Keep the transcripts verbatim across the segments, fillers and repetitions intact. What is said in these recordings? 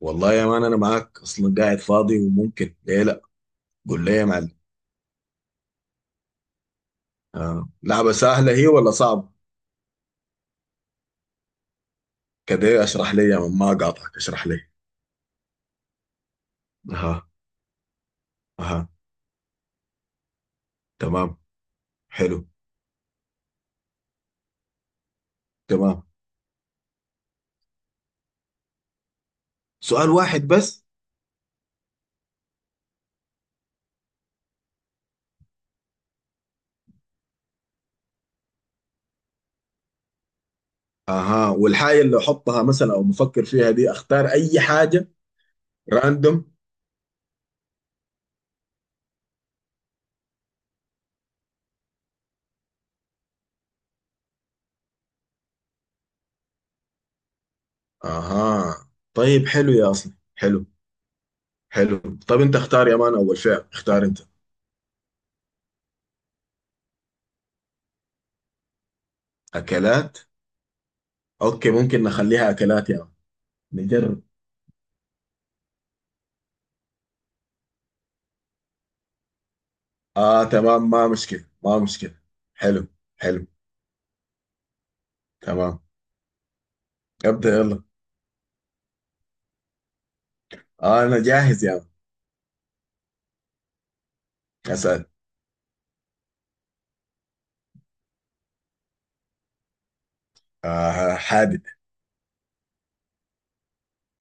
والله يا مان انا معاك اصلا قاعد فاضي وممكن ليه لا. قول لي يا معلم. آه. لعبه سهله هي ولا صعب؟ كده اشرح لي يا مان، ما اقاطعك، اشرح لي. اها، اها، تمام، حلو، تمام. سؤال واحد بس؟ اها، والحاجه اللي احطها مثلا او بفكر فيها دي اختار اي حاجه؟ راندوم؟ اها، طيب حلو يا اصلا حلو، حلو. طب انت اختار يا مان، اول فعل اختار انت. اكلات. اوكي ممكن نخليها اكلات يا مان، نجرب. اه تمام، ما مشكلة ما مشكلة حلو، حلو، تمام. ابدأ يلا، آه انا جاهز يا يعني. اسأل. آه حادق.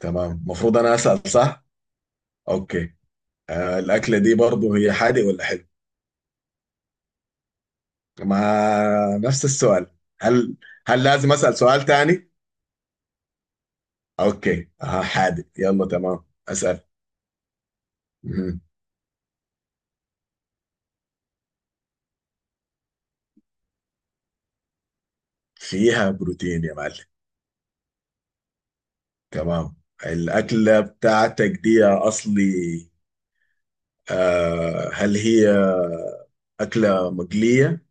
تمام، المفروض انا اسأل صح؟ اوكي. آه الاكلة دي برضو هي حادق ولا حلو؟ ما، نفس السؤال. هل، هل لازم اسأل سؤال تاني؟ اوكي، آه حادق. يلا تمام اسأل. مم. فيها بروتين يا معلم؟ تمام. الأكلة بتاعتك دي يا أصلي، آه هل هي أكلة مقلية؟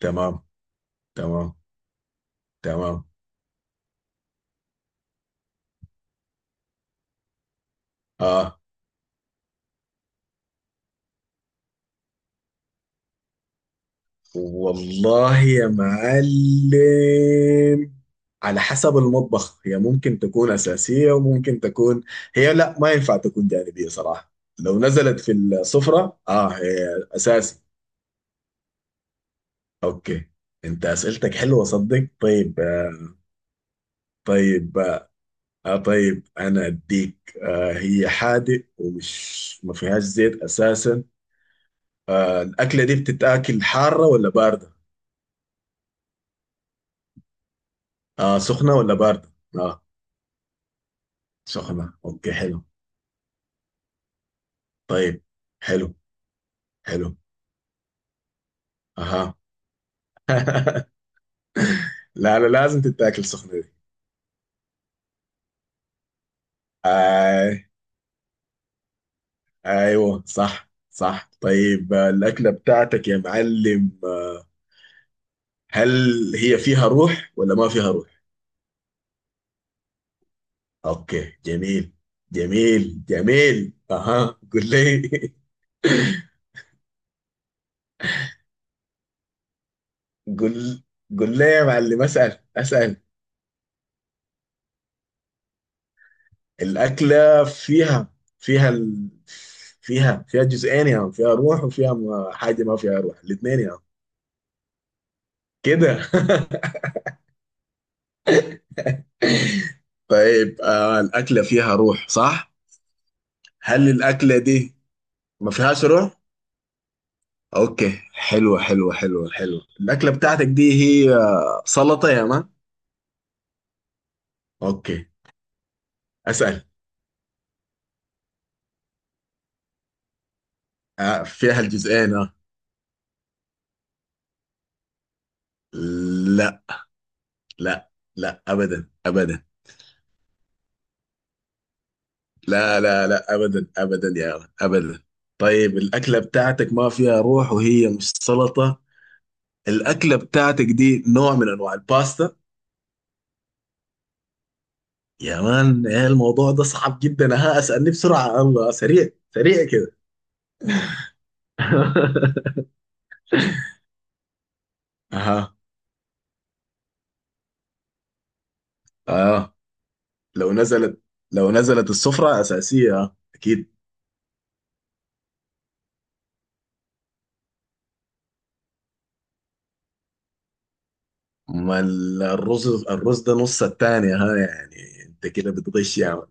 تمام، تمام، تمام. اه والله يا معلم، على حسب المطبخ هي ممكن تكون أساسية وممكن تكون، هي لا ما ينفع تكون جانبية صراحة. لو نزلت في السفرة اه هي أساسي. اوكي. انت أسئلتك حلوة صدق. طيب آه، طيب، آه طيب انا اديك. آه هي حادق ومش، ما فيهاش زيت اساسا. آه الأكلة دي بتتاكل حارة ولا باردة؟ آه سخنة ولا باردة؟ آه. سخنة اوكي حلو. طيب، حلو، حلو، اها. لا لا لازم تتاكل سخنة دي. آي، ايوه صح صح. طيب آه، الأكلة بتاعتك يا معلم، آه، هل هي فيها روح ولا ما فيها روح؟ اوكي جميل، جميل جميل، اها. قول لي. قول، قول لي يا معلم، اسأل، اسأل. الأكلة فيها، فيها ال... فيها فيها جزئين يا عم. فيها روح وفيها ما- حاجة ما فيها روح، الاثنين يا عم. كده. طيب، آه الأكلة فيها روح صح؟ هل الأكلة دي ما فيهاش روح؟ أوكي حلوة حلوة حلوة حلوة. الأكلة بتاعتك دي هي، آه، سلطة يا مان؟ أوكي. أسأل. آه فيها الجزئين آه. لا لا لا أبدا أبدا. لا لا لا أبدا أبدا يا مان أبدا. طيب الأكلة بتاعتك ما فيها روح وهي مش سلطة. الأكلة بتاعتك دي نوع من أنواع الباستا؟ يا مان إيه الموضوع ده صعب جدا، ها اسألني بسرعة الله، سريع، سريع كده. اها، اه. لو نزلت، لو نزلت السفرة أساسية آه، أكيد. ما ال- الرز، الرز ده نص التاني ها، يعني أنت كده بتغش يا عم.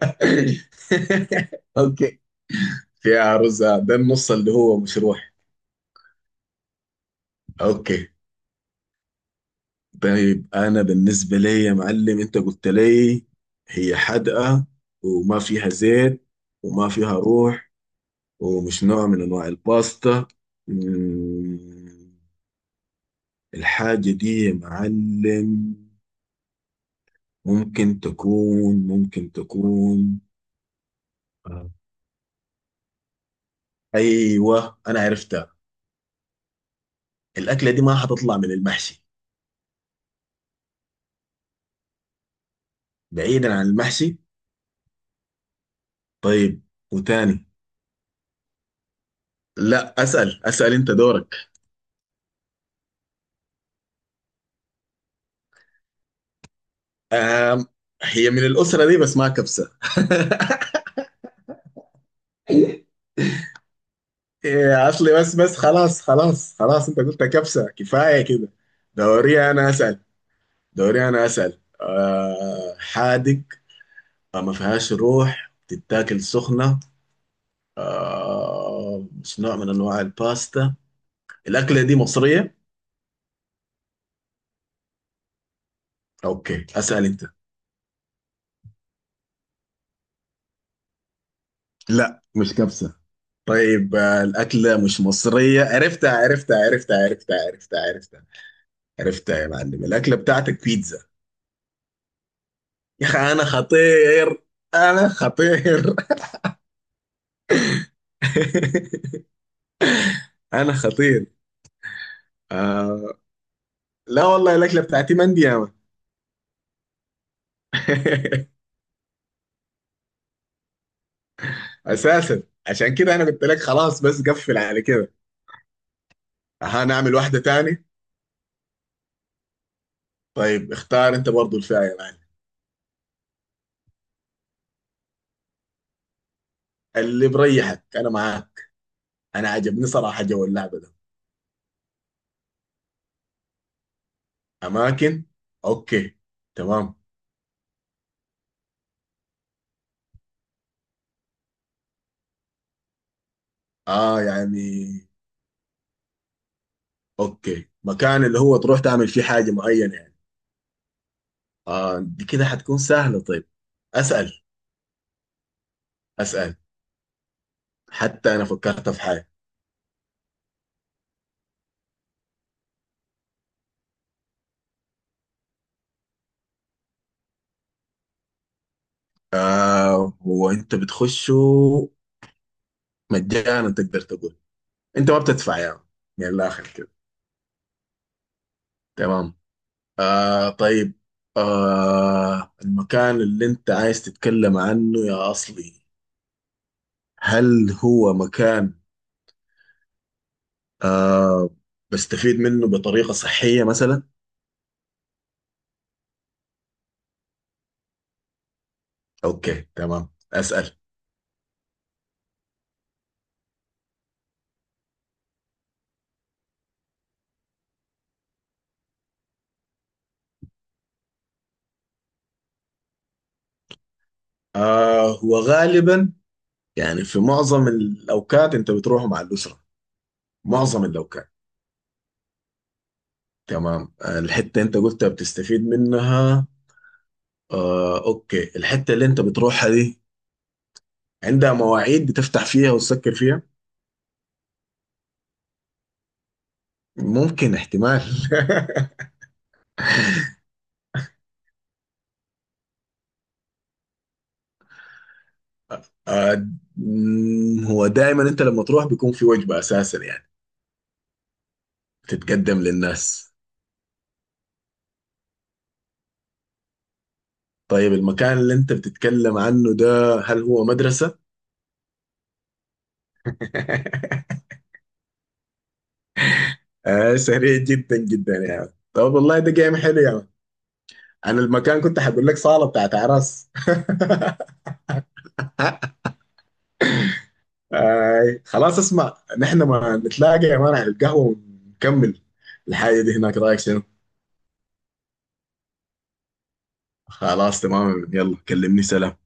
أوكي. فيها رز آه، ده النص اللي هو مشروح. أوكي. طيب أنا بالنسبة لي يا معلم أنت قلت لي هي حادقة، وما فيها زيت، وما فيها روح، ومش نوع من انواع الباستا. مم، الحاجة دي يا معلم ممكن تكون، ممكن تكون، آه. ايوه انا عرفتها. الاكلة دي ما حتطلع من المحشي؟ بعيدا عن المحشي. طيب، وتاني. لا اسأل، اسأل، انت دورك. آم، هي من الأسرة دي بس ما كبسة. إيه، اصلي بس، بس خلاص خلاص خلاص، انت قلت كبسة كفاية كده. دوري انا اسأل. دوري انا اسال. آه حادق، آه ما فيهاش روح، بتتاكل سخنه، آه مش نوع من انواع الباستا. الاكله دي مصريه؟ اوكي اسال انت. لا مش كبسة. طيب، آه الاكله مش مصريه، عرفتها عرفتها عرفتها عرفتها عرفتها عرفتها. عرفتها يا معلم، الاكله بتاعتك بيتزا؟ يا اخي انا خطير، انا خطير. انا خطير. آه لا والله الاكله بتاعتي مندي يا مان. اساسا، عشان كده انا قلت لك خلاص بس، قفل على كده. هنعمل واحده تاني. طيب اختار انت برضو الفئه يا معلم. اللي بريحك، انا معاك. انا عجبني صراحه جو اللعبه ده. اماكن، اوكي، تمام. اه يعني، اوكي، مكان اللي هو تروح تعمل فيه حاجه معينه يعني. اه دي كده حتكون سهله، طيب. اسال، اسال. حتى انا فكرت في حاجه. آه هو انت بتخشه مجانا، تقدر تقول انت ما بتدفع يا يعني، من الاخر كده. تمام، آه طيب. آه المكان اللي انت عايز تتكلم عنه يا أصلي، هل هو مكان آه بستفيد منه بطريقة صحية مثلا؟ اوكي تمام. أسأل. آه هو غالبا يعني، في معظم الأوقات انت بتروح مع الأسرة، معظم الأوقات. تمام. آه الحتة انت قلتها بتستفيد منها، آه اوكي. الحتة اللي انت بتروحها دي عندها مواعيد بتفتح فيها وتسكر فيها؟ ممكن، احتمال. آه، مم، هو دائما انت لما تروح بيكون في وجبة اساسا يعني بتتقدم للناس؟ طيب المكان اللي انت بتتكلم عنه ده هل هو مدرسة؟ آه سريع جدا جدا يعني، طب والله ده جيم حلو يعني. انا المكان كنت هقول لك صالة بتاعت اعراس. آه خلاص اسمع، نحن ما نتلاقى يا مان على القهوة ونكمل الحاجة دي هناك، رايك شنو؟ خلاص تمام، يلا كلمني، سلام.